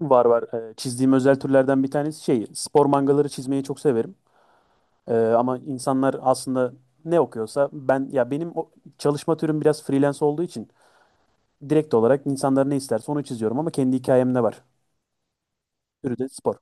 Var var. Çizdiğim özel türlerden bir tanesi şey, spor mangaları çizmeyi çok severim. Ama insanlar aslında ne okuyorsa ben ya benim o çalışma türüm biraz freelance olduğu için direkt olarak insanlar ne isterse onu çiziyorum ama kendi hikayem ne var? Türü de spor.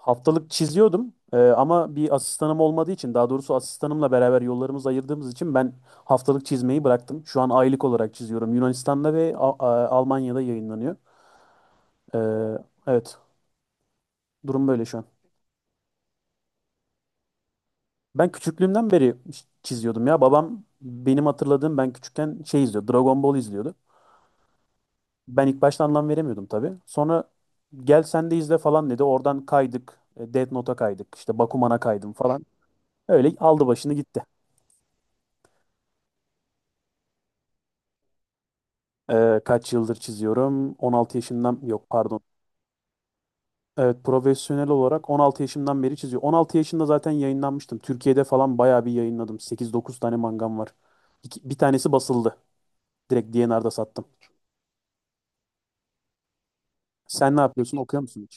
Haftalık çiziyordum ama bir asistanım olmadığı için daha doğrusu asistanımla beraber yollarımızı ayırdığımız için ben haftalık çizmeyi bıraktım. Şu an aylık olarak çiziyorum. Yunanistan'da ve Almanya'da yayınlanıyor. Ee, evet, durum böyle şu an. Ben küçüklüğümden beri çiziyordum ya. Babam benim hatırladığım ben küçükken şey izliyordu. Dragon Ball izliyordu. Ben ilk başta anlam veremiyordum tabii. Sonra gel sen de izle falan dedi. Oradan kaydık. Death Note'a kaydık. İşte Bakuman'a kaydım falan. Öyle aldı başını gitti. Kaç yıldır çiziyorum? 16 yaşından yok pardon. Evet profesyonel olarak 16 yaşından beri çiziyor. 16 yaşında zaten yayınlanmıştım. Türkiye'de falan bayağı bir yayınladım. 8-9 tane mangam var. Bir tanesi basıldı. Direkt D&R'da sattım. Sen ne yapıyorsun? Okuyor musun?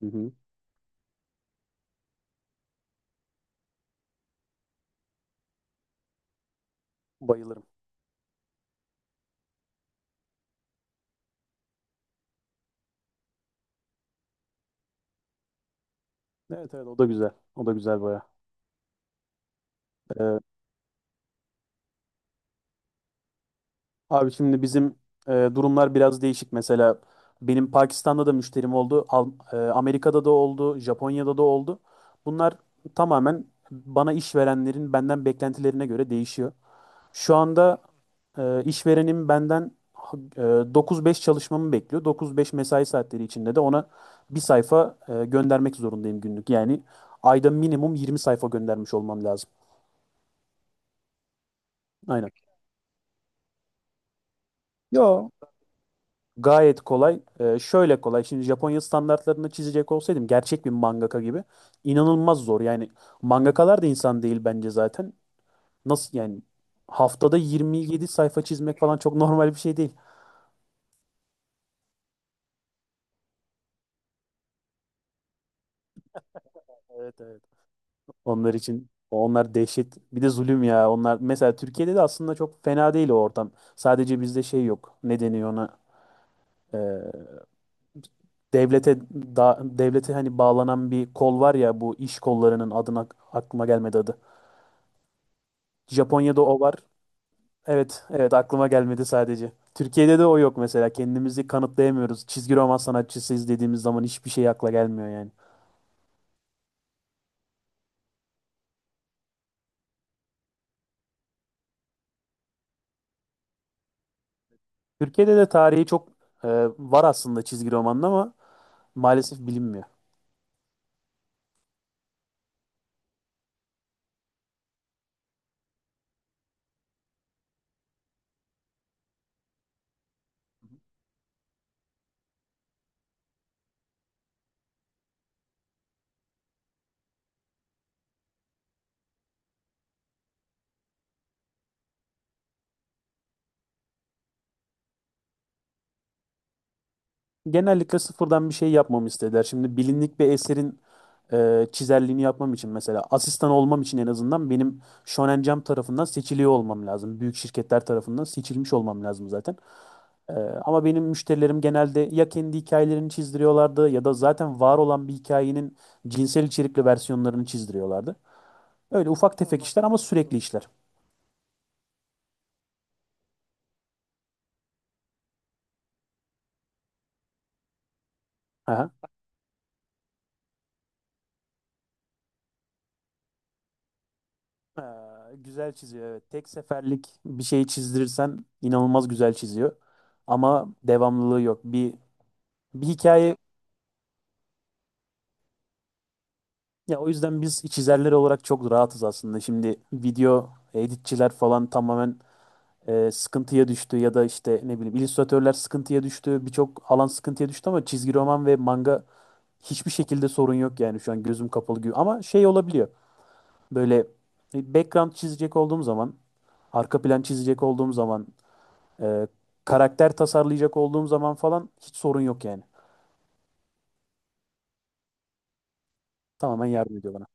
Hı hı. Bayılırım. Evet evet, o da güzel. O da güzel baya. Ee, Abi şimdi bizim durumlar biraz değişik. Mesela benim Pakistan'da da müşterim oldu. Amerika'da da oldu. Japonya'da da oldu. Bunlar tamamen bana işverenlerin benden beklentilerine göre değişiyor. Şu anda işverenim benden e, 9-5 çalışmamı bekliyor. 9-5 mesai saatleri içinde de ona bir sayfa göndermek zorundayım günlük. Yani ayda minimum 20 sayfa göndermiş olmam lazım. Aynen. Yo, gayet kolay. Şöyle kolay. Şimdi Japonya standartlarını çizecek olsaydım gerçek bir mangaka gibi inanılmaz zor. Yani mangakalar da insan değil bence zaten. Nasıl yani haftada 27 sayfa çizmek falan çok normal bir şey değil. Evet evet. Onlar için onlar dehşet. Bir de zulüm ya. Onlar mesela Türkiye'de de aslında çok fena değil o ortam. Sadece bizde şey yok. Ne deniyor ona? Ee, Devlete devlete hani bağlanan bir kol var ya bu iş kollarının adına aklıma gelmedi adı. Japonya'da o var. Evet, evet aklıma gelmedi sadece. Türkiye'de de o yok mesela. Kendimizi kanıtlayamıyoruz. Çizgi roman sanatçısıyız dediğimiz zaman hiçbir şey akla gelmiyor yani. Türkiye'de de tarihi çok e, var aslında çizgi romanın ama maalesef bilinmiyor. Genellikle sıfırdan bir şey yapmamı istediler. Şimdi bilinlik bir eserin çizerliğini yapmam için mesela asistan olmam için en azından benim Shonen Jump tarafından seçiliyor olmam lazım. Büyük şirketler tarafından seçilmiş olmam lazım zaten. Ee, Ama benim müşterilerim genelde ya kendi hikayelerini çizdiriyorlardı ya da zaten var olan bir hikayenin cinsel içerikli versiyonlarını çizdiriyorlardı. Öyle ufak tefek işler ama sürekli işler. Aha. Güzel çiziyor evet. Tek seferlik bir şeyi çizdirirsen inanılmaz güzel çiziyor. Ama devamlılığı yok. Bir hikaye ya o yüzden biz çizerler olarak çok rahatız aslında. Şimdi video editçiler falan tamamen sıkıntıya düştü ya da işte ne bileyim illüstratörler sıkıntıya düştü. Birçok alan sıkıntıya düştü ama çizgi roman ve manga hiçbir şekilde sorun yok yani şu an gözüm kapalı gibi. Ama şey olabiliyor. Böyle bir background çizecek olduğum zaman, arka plan çizecek olduğum zaman, e, karakter tasarlayacak olduğum zaman falan hiç sorun yok yani. Tamamen yardım ediyor bana.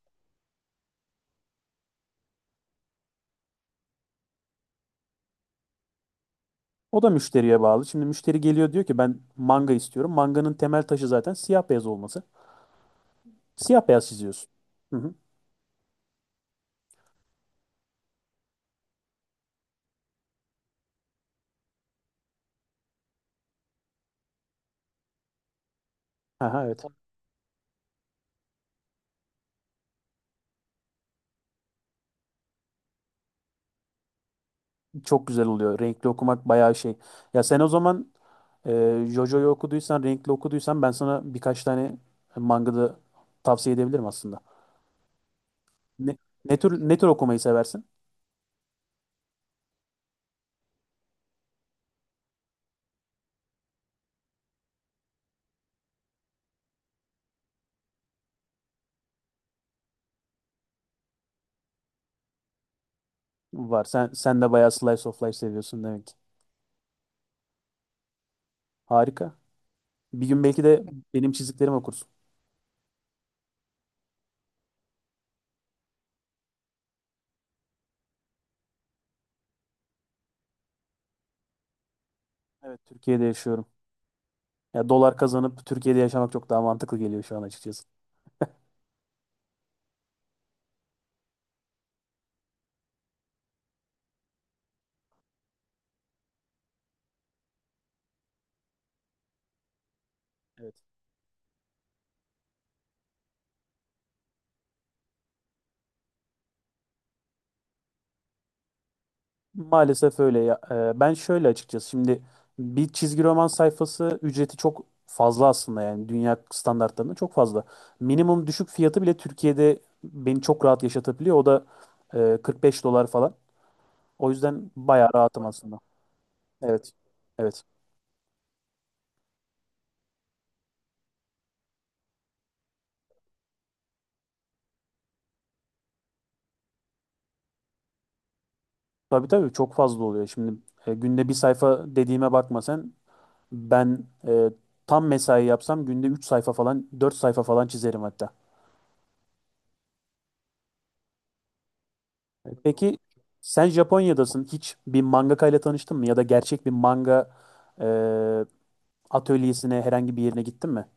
O da müşteriye bağlı. Şimdi müşteri geliyor diyor ki ben manga istiyorum. Manganın temel taşı zaten siyah beyaz olması. Siyah beyaz çiziyorsun. Hı hı. Aha, evet. Çok güzel oluyor. Renkli okumak bayağı şey. Ya sen o zaman JoJo'yu okuduysan, renkli okuduysan ben sana birkaç tane mangada tavsiye edebilirim aslında. Ne, ne tür ne tür okumayı seversin? Var. Sen de bayağı slice of life seviyorsun demek ki. Harika. Bir gün belki de benim çizdiklerimi okursun. Evet, Türkiye'de yaşıyorum. Ya dolar kazanıp Türkiye'de yaşamak çok daha mantıklı geliyor şu an açıkçası. Evet. Maalesef öyle ya. Ben şöyle açıkçası şimdi bir çizgi roman sayfası ücreti çok fazla aslında yani dünya standartlarında çok fazla. Minimum düşük fiyatı bile Türkiye'de beni çok rahat yaşatabiliyor. O da 45 dolar falan. O yüzden bayağı rahatım aslında. Evet. Evet. Tabii tabii çok fazla oluyor. Şimdi günde bir sayfa dediğime bakma sen. Ben tam mesai yapsam günde 3 sayfa falan 4 sayfa falan çizerim hatta. Peki sen Japonya'dasın. Hiç bir mangaka ile tanıştın mı? Ya da gerçek bir manga e, atölyesine herhangi bir yerine gittin mi?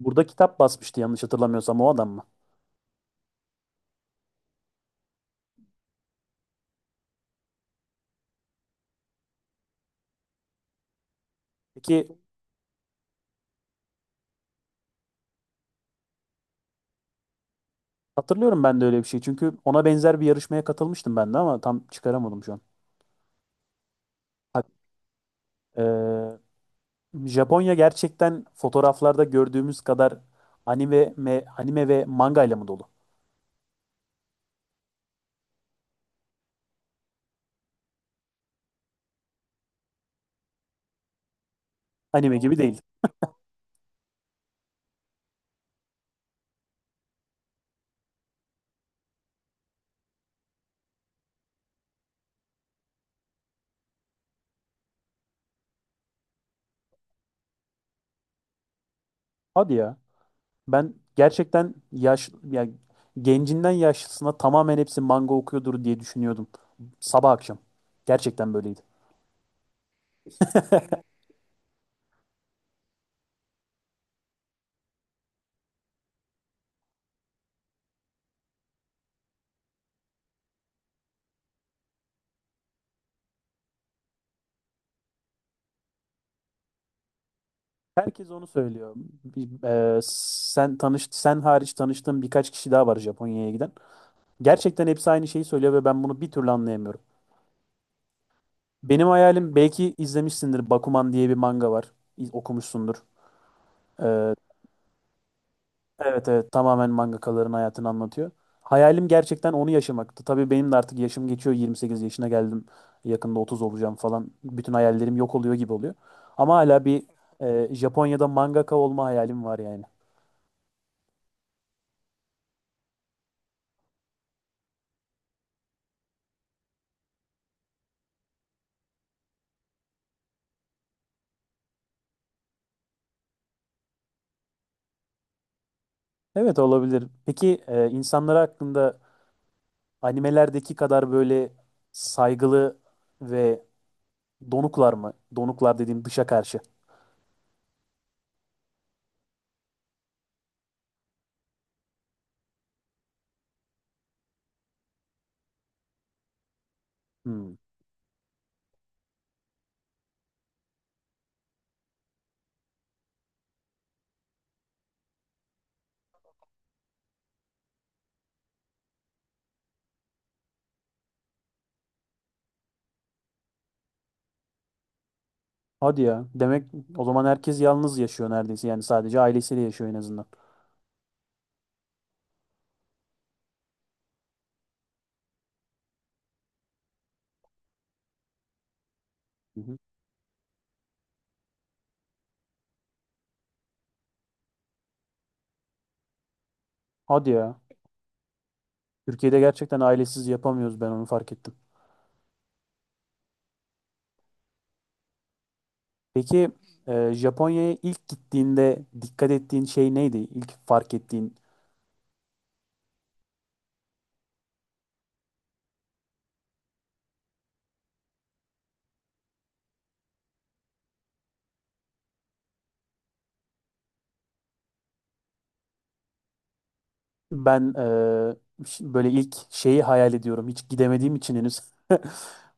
Burada kitap basmıştı yanlış hatırlamıyorsam o adam mı? Peki hatırlıyorum ben de öyle bir şey. Çünkü ona benzer bir yarışmaya katılmıştım ben de ama tam çıkaramadım şu an. Bak, e, Japonya gerçekten fotoğraflarda gördüğümüz kadar anime ve manga ile mi dolu? Anime gibi değil. Hadi ya. Ben gerçekten yaş ya gencinden yaşlısına tamamen hepsi manga okuyordur diye düşünüyordum. Sabah akşam. Gerçekten böyleydi. Herkes onu söylüyor. Bir- Sen tanış sen hariç tanıştığım birkaç kişi daha var Japonya'ya giden. Gerçekten hepsi aynı şeyi söylüyor ve ben bunu bir türlü anlayamıyorum. Benim hayalim belki izlemişsindir Bakuman diye bir manga var. Okumuşsundur. E, Evet evet tamamen mangakaların hayatını anlatıyor. Hayalim gerçekten onu yaşamaktı. Tabii benim de artık yaşım geçiyor. 28 yaşına geldim. Yakında 30 olacağım falan. Bütün hayallerim yok oluyor gibi oluyor. Ama hala bir Japonya'da mangaka olma hayalim var yani. Evet olabilir. Peki insanlara hakkında animelerdeki kadar böyle saygılı ve donuklar mı? Donuklar dediğim dışa karşı. Hmm. Hadi ya. Demek o zaman herkes yalnız yaşıyor neredeyse. Yani sadece ailesiyle yaşıyor en azından. Hı hı. Hadi ya. Türkiye'de gerçekten ailesiz yapamıyoruz ben onu fark ettim. Peki Japonya'ya ilk gittiğinde dikkat ettiğin şey neydi? İlk fark ettiğin ben böyle ilk şeyi hayal ediyorum. Hiç gidemediğim için henüz.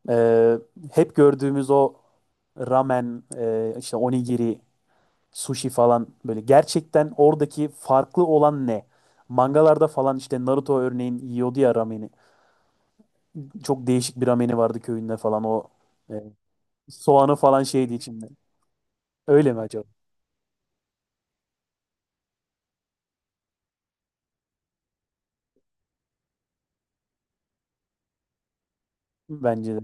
E, Hep gördüğümüz o ramen, işte onigiri, sushi falan böyle gerçekten oradaki farklı olan ne? Mangalarda falan işte Naruto örneğin yiyordu ya rameni. Çok değişik bir rameni vardı köyünde falan o e, soğanı falan şeydi içinde. Öyle mi acaba? Bence de.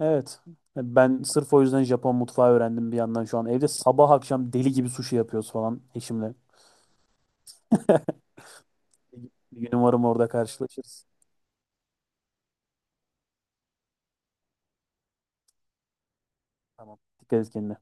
Evet. Ben sırf o yüzden Japon mutfağı öğrendim bir yandan şu an. Evde sabah akşam deli gibi sushi yapıyoruz falan eşimle. Bir gün umarım orada karşılaşırız. Tamam. Dikkat et kendine.